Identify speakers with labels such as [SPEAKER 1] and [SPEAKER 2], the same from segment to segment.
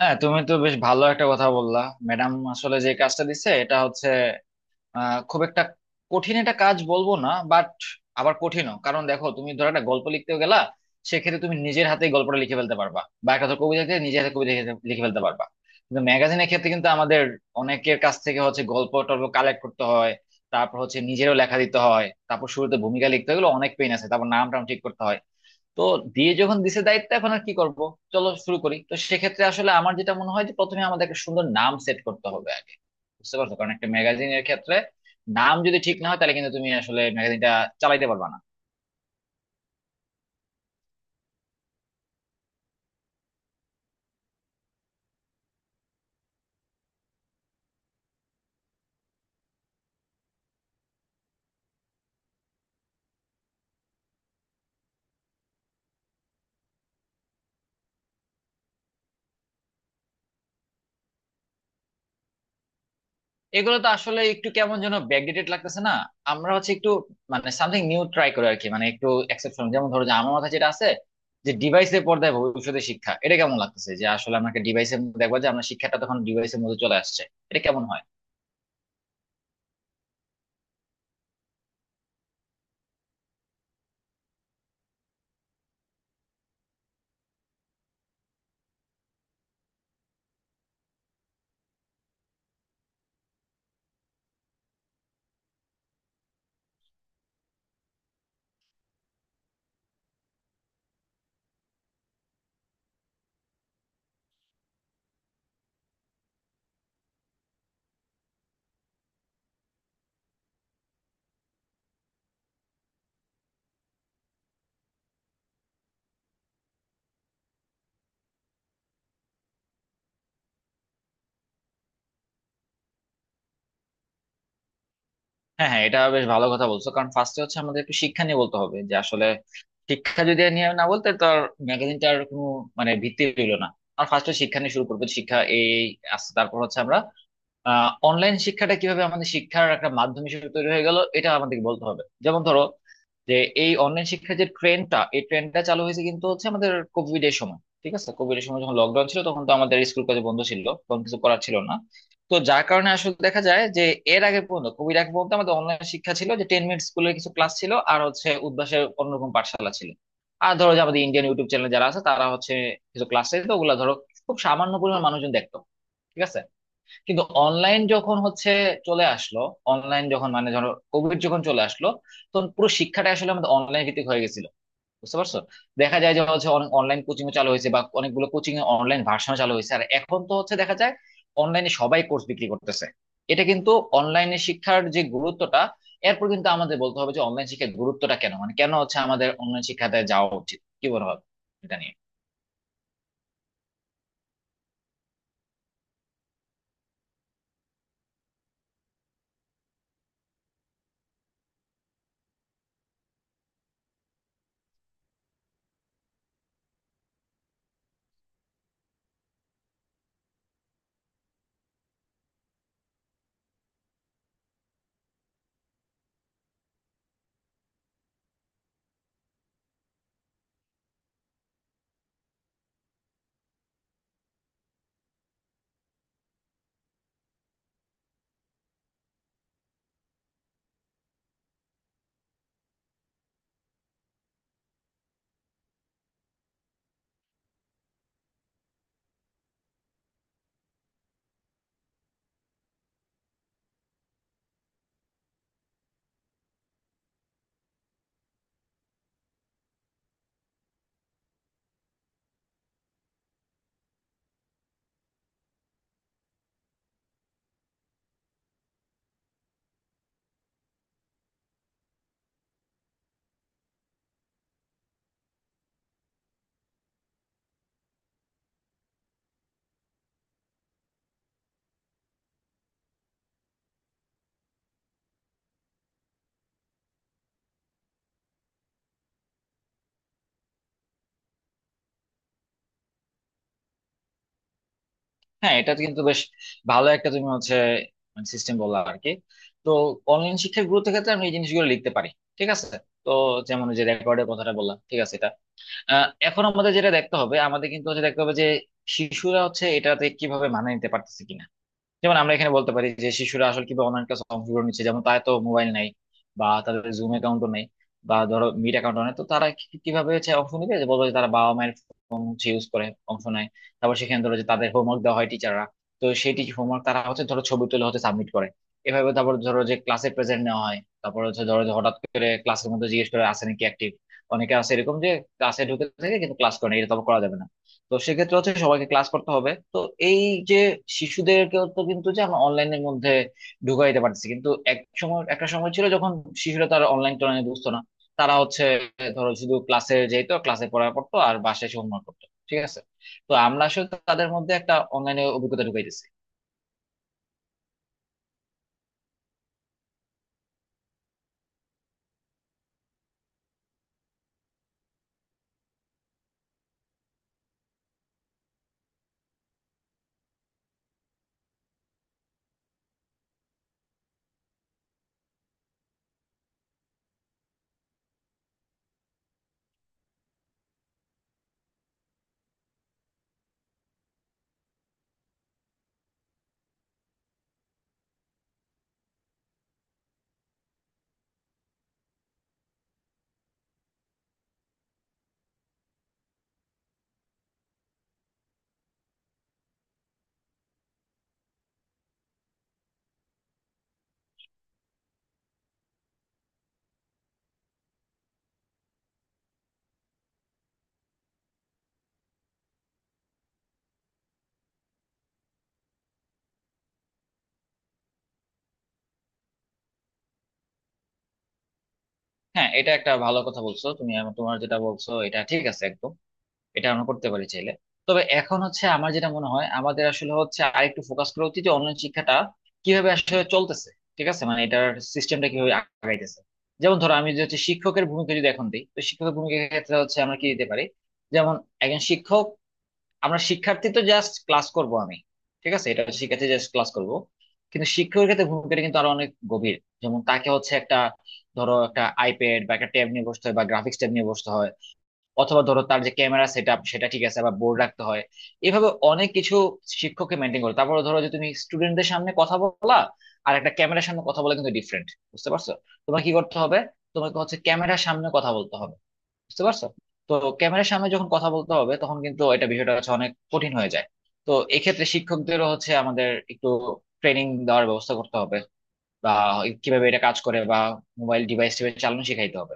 [SPEAKER 1] হ্যাঁ, তুমি তো বেশ ভালো একটা কথা বললা। ম্যাডাম আসলে যে কাজটা দিছে এটা হচ্ছে খুব একটা কঠিন একটা কাজ বলবো না, বাট আবার কঠিনও। কারণ দেখো, তুমি ধরো একটা গল্প লিখতে গেলা, সেক্ষেত্রে তুমি নিজের হাতে গল্পটা লিখে ফেলতে পারবা, বা একটা ধরো কবিতা লিখে নিজের হাতে কবিতা লিখে লিখে ফেলতে পারবা। কিন্তু ম্যাগাজিনের ক্ষেত্রে কিন্তু আমাদের অনেকের কাছ থেকে হচ্ছে গল্প টল্প কালেক্ট করতে হয়, তারপর হচ্ছে নিজেরও লেখা দিতে হয়, তারপর শুরুতে ভূমিকা লিখতে হলে অনেক পেইন আছে, তারপর নাম টাম ঠিক করতে হয়। তো দিয়ে যখন দিছে দায়িত্ব, এখন আর কি করব, চলো শুরু করি। তো সেক্ষেত্রে আসলে আমার যেটা মনে হয়, যে প্রথমে আমাদের একটা সুন্দর নাম সেট করতে হবে আগে, বুঝতে পারছো? কারণ একটা ম্যাগাজিনের ক্ষেত্রে নাম যদি ঠিক না হয়, তাহলে কিন্তু তুমি আসলে ম্যাগাজিনটা চালাইতে পারবা না। এগুলো তো আসলে একটু কেমন যেন ব্যাকডেটেড লাগতেছে না? আমরা হচ্ছে একটু মানে সামথিং নিউ ট্রাই করি আর কি, মানে একটু এক্সেপশন। যেমন ধরো যে আমার মাথায় যেটা আছে, যে ডিভাইসের পর্দায় ভবিষ্যতে শিক্ষা, এটা কেমন লাগতেছে? যে আসলে আমরা ডিভাইসের দেখবো, যে আমরা শিক্ষাটা তখন ডিভাইসের মধ্যে চলে আসছে, এটা কেমন হয়? হ্যাঁ, হ্যাঁ, এটা বেশ ভালো কথা বলছো। কারণ ফার্স্টে হচ্ছে আমাদের একটু শিক্ষা নিয়ে বলতে হবে, যে আসলে শিক্ষা যদি আর নিয়ে না বলতে, তো ম্যাগাজিনটার কোনো মানে ভিত্তি রইলো না। আর ফার্স্টে শিক্ষা নিয়ে শুরু করবো, শিক্ষা এই আসছে, তারপর হচ্ছে আমরা অনলাইন শিক্ষাটা কিভাবে আমাদের শিক্ষার একটা মাধ্যম হিসেবে তৈরি হয়ে গেল, এটা আমাদেরকে বলতে হবে। যেমন ধরো যে এই অনলাইন শিক্ষার যে ট্রেন্ডটা, এই ট্রেন্ডটা চালু হয়েছে কিন্তু হচ্ছে আমাদের কোভিড এর সময়। ঠিক আছে, কোভিড এর সময় যখন লকডাউন ছিল, তখন তো আমাদের স্কুল কলেজ বন্ধ ছিল, তখন কিছু করার ছিল না। তো যার কারণে আসলে দেখা যায় যে এর আগে পর্যন্ত কোভিড আগে পর্যন্ত আমাদের অনলাইন শিক্ষা ছিল যে টেন মিনিট স্কুলের কিছু ক্লাস ছিল, আর হচ্ছে উদ্ভাসের অন্যরকম পাঠশালা ছিল। আর ধরো যে আমাদের ইন্ডিয়ান ইউটিউব চ্যানেল যারা আছে, তারা হচ্ছে কিছু ক্লাস, তো ওগুলা ধরো খুব সামান্য পরিমাণ মানুষজন দেখতো, ঠিক আছে। কিন্তু অনলাইন যখন হচ্ছে চলে আসলো, অনলাইন যখন মানে ধরো কোভিড যখন চলে আসলো, তখন পুরো শিক্ষাটা আসলে আমাদের অনলাইন ভিত্তিক হয়ে গেছিল, বুঝতে পারছো? দেখা যায় যে হচ্ছে অনেক অনলাইন কোচিং চালু হয়েছে, বা অনেকগুলো কোচিং এ অনলাইন ভার্সন চালু হয়েছে, আর এখন তো হচ্ছে দেখা যায় অনলাইনে সবাই কোর্স বিক্রি করতেছে। এটা কিন্তু অনলাইনে শিক্ষার যে গুরুত্বটা, এরপর কিন্তু আমাদের বলতে হবে, যে অনলাইন শিক্ষার গুরুত্বটা কেন, মানে কেন হচ্ছে আমাদের অনলাইন শিক্ষাতে যাওয়া উচিত, কি বলা হবে এটা নিয়ে। হ্যাঁ, এটা তো কিন্তু বেশ ভালো একটা তুমি হচ্ছে সিস্টেম বললা আর কি। তো অনলাইন শিক্ষার গুরুত্বের ক্ষেত্রে আমি এই জিনিসগুলো লিখতে পারি, ঠিক আছে। তো যেমন ওই যে রেকর্ডের কথাটা বললাম, ঠিক আছে, এটা এখন আমাদের যেটা দেখতে হবে, আমাদের কিন্তু হচ্ছে দেখতে হবে যে শিশুরা হচ্ছে এটাতে কিভাবে মানিয়ে নিতে পারতেছে কিনা। যেমন আমরা এখানে বলতে পারি যে শিশুরা আসলে কিভাবে অনলাইন ক্লাস অংশগ্রহণ নিচ্ছে, যেমন তাদের তো মোবাইল নাই, বা তাদের জুম অ্যাকাউন্টও নেই, বা ধরো মিট অ্যাকাউন্ট নেই, তো তারা কিভাবে হচ্ছে অংশ নিবে? যে বলবো যে তারা বাবা মায়ের ফোন হচ্ছে ইউজ করে অংশ নেয়। তারপর সেখানে ধরো যে তাদের হোমওয়ার্ক দেওয়া হয় টিচাররা, তো সেই টিচার হোমওয়ার্ক তারা হচ্ছে ধরো ছবি তুলে হচ্ছে সাবমিট করে এভাবে। তারপর ধরো যে ক্লাসে প্রেজেন্ট নেওয়া হয়, তারপর হচ্ছে ধরো যে হঠাৎ করে ক্লাসের মধ্যে জিজ্ঞেস করে আছে নাকি অ্যাক্টিভ। অনেকে আছে এরকম যে ক্লাসে ঢুকে থাকে কিন্তু ক্লাস করে না, এটা তো আবার করা যাবে না। তো সেক্ষেত্রে হচ্ছে সবাইকে ক্লাস করতে হবে। তো এই যে শিশুদেরকে তো কিন্তু যে আমরা অনলাইনের মধ্যে ঢুকাই দিতে পারতেছি, কিন্তু এক সময় একটা সময় ছিল যখন শিশুরা তারা অনলাইন টনলাইন বুঝতো না, তারা হচ্ছে ধরো শুধু ক্লাসে যেত, ক্লাসে পড়া পড়তো আর বাসায় এসে হোমওয়ার্ক করতো, ঠিক আছে। তো আমরা আসলে তাদের মধ্যে একটা অনলাইনে অভিজ্ঞতা ঢুকাই দিচ্ছি। হ্যাঁ, এটা একটা ভালো কথা বলছো তুমি। তোমার যেটা বলছো এটা ঠিক আছে একদম, এটা আমরা করতে পারি চাইলে। তবে এখন হচ্ছে আমার যেটা মনে হয়, আমাদের আসলে হচ্ছে আরেকটু ফোকাস করা উচিত যে অনলাইন শিক্ষাটা কিভাবে আসলে চলতেছে, ঠিক আছে, মানে এটার সিস্টেমটা কিভাবে আগাইতেছে। যেমন ধরো আমি যদি হচ্ছে শিক্ষকের ভূমিকা যদি এখন দিই, তো শিক্ষকের ভূমিকার ক্ষেত্রে হচ্ছে আমরা কি দিতে পারি, যেমন একজন শিক্ষক। আমরা শিক্ষার্থী তো জাস্ট ক্লাস করব আমি, ঠিক আছে, এটা শিক্ষার্থী জাস্ট ক্লাস করব। কিন্তু শিক্ষকের ক্ষেত্রে ভূমিকাটা কিন্তু আরো অনেক গভীর। যেমন তাকে হচ্ছে একটা ধরো একটা আইপ্যাড বা একটা ট্যাব নিয়ে বসতে হয়, বা গ্রাফিক্স ট্যাব নিয়ে বসতে হয়, অথবা ধরো তার যে ক্যামেরা সেট আপ সেটা ঠিক আছে, আবার বোর্ড রাখতে হয়, এভাবে অনেক কিছু শিক্ষককে মেনটেন করে। তারপরে ধরো যে তুমি স্টুডেন্টদের সামনে কথা বলা আর একটা ক্যামেরার সামনে কথা বলা কিন্তু ডিফারেন্ট, বুঝতে পারছো? তোমার কি করতে হবে, তোমাকে হচ্ছে ক্যামেরার সামনে কথা বলতে হবে, বুঝতে পারছো? তো ক্যামেরার সামনে যখন কথা বলতে হবে, তখন কিন্তু এটা বিষয়টা হচ্ছে অনেক কঠিন হয়ে যায়। তো এক্ষেত্রে শিক্ষকদেরও হচ্ছে আমাদের একটু ট্রেনিং দেওয়ার ব্যবস্থা করতে হবে, বা কিভাবে এটা কাজ করে, বা মোবাইল ডিভাইস টিভাইস চালানো শেখাইতে হবে।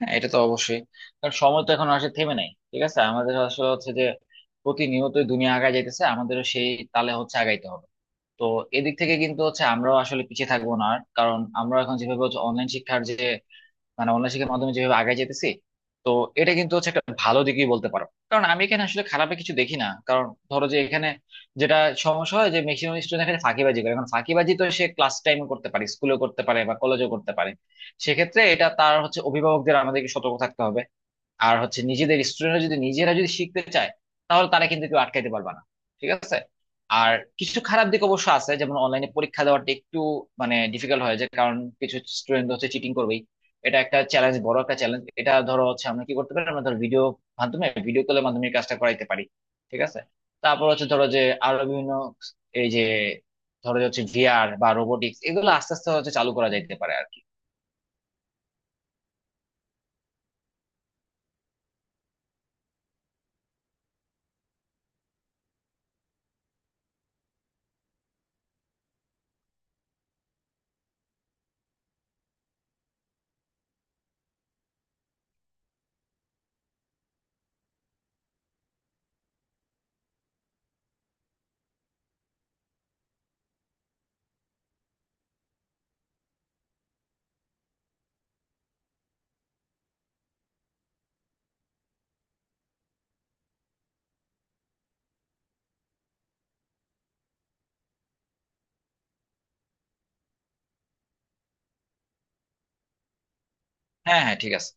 [SPEAKER 1] হ্যাঁ, এটা তো অবশ্যই। কারণ সময় তো এখন আসলে থেমে নাই, ঠিক আছে, আমাদের আসলে হচ্ছে যে প্রতিনিয়তই দুনিয়া আগায় যাইতেছে, আমাদেরও সেই তালে হচ্ছে আগাইতে হবে। তো এদিক থেকে কিন্তু হচ্ছে আমরাও আসলে পিছিয়ে থাকবো না আর। কারণ আমরা এখন যেভাবে হচ্ছে অনলাইন শিক্ষার যে মানে অনলাইন শিক্ষার মাধ্যমে যেভাবে আগে যেতেছি, তো এটা কিন্তু হচ্ছে একটা ভালো দিকই বলতে পারো। কারণ আমি এখানে আসলে খারাপে কিছু দেখি না। কারণ ধরো যে এখানে যেটা সমস্যা হয় যে ম্যাক্সিমাম স্টুডেন্ট এখানে ফাঁকিবাজি করে, এখন ফাঁকিবাজি তো সে ক্লাস টাইমে করতে পারে, স্কুলেও করতে পারে, বা কলেজেও করতে পারে। সেক্ষেত্রে এটা তার হচ্ছে অভিভাবকদের আমাদেরকে সতর্ক থাকতে হবে। আর হচ্ছে নিজেদের স্টুডেন্টরা যদি নিজেরা যদি শিখতে চায়, তাহলে তারা কিন্তু কেউ আটকাইতে পারবে না, ঠিক আছে। আর কিছু খারাপ দিক অবশ্য আছে, যেমন অনলাইনে পরীক্ষা দেওয়াটা একটু মানে ডিফিকাল্ট হয়ে যায়, কারণ কিছু স্টুডেন্ট হচ্ছে চিটিং করবেই। এটা একটা চ্যালেঞ্জ, বড় একটা চ্যালেঞ্জ। এটা ধরো হচ্ছে আমরা কি করতে পারি, আমরা ধরো ভিডিও মাধ্যমে, ভিডিও কলের মাধ্যমে এই কাজটা করাইতে পারি, ঠিক আছে। তারপর হচ্ছে ধরো যে আরো বিভিন্ন, এই যে ধরো যে হচ্ছে ভিআর বা রোবোটিক্স, এগুলো আস্তে আস্তে হচ্ছে চালু করা যাইতে পারে আর কি। হ্যাঁ, হ্যাঁ, ঠিক আছে।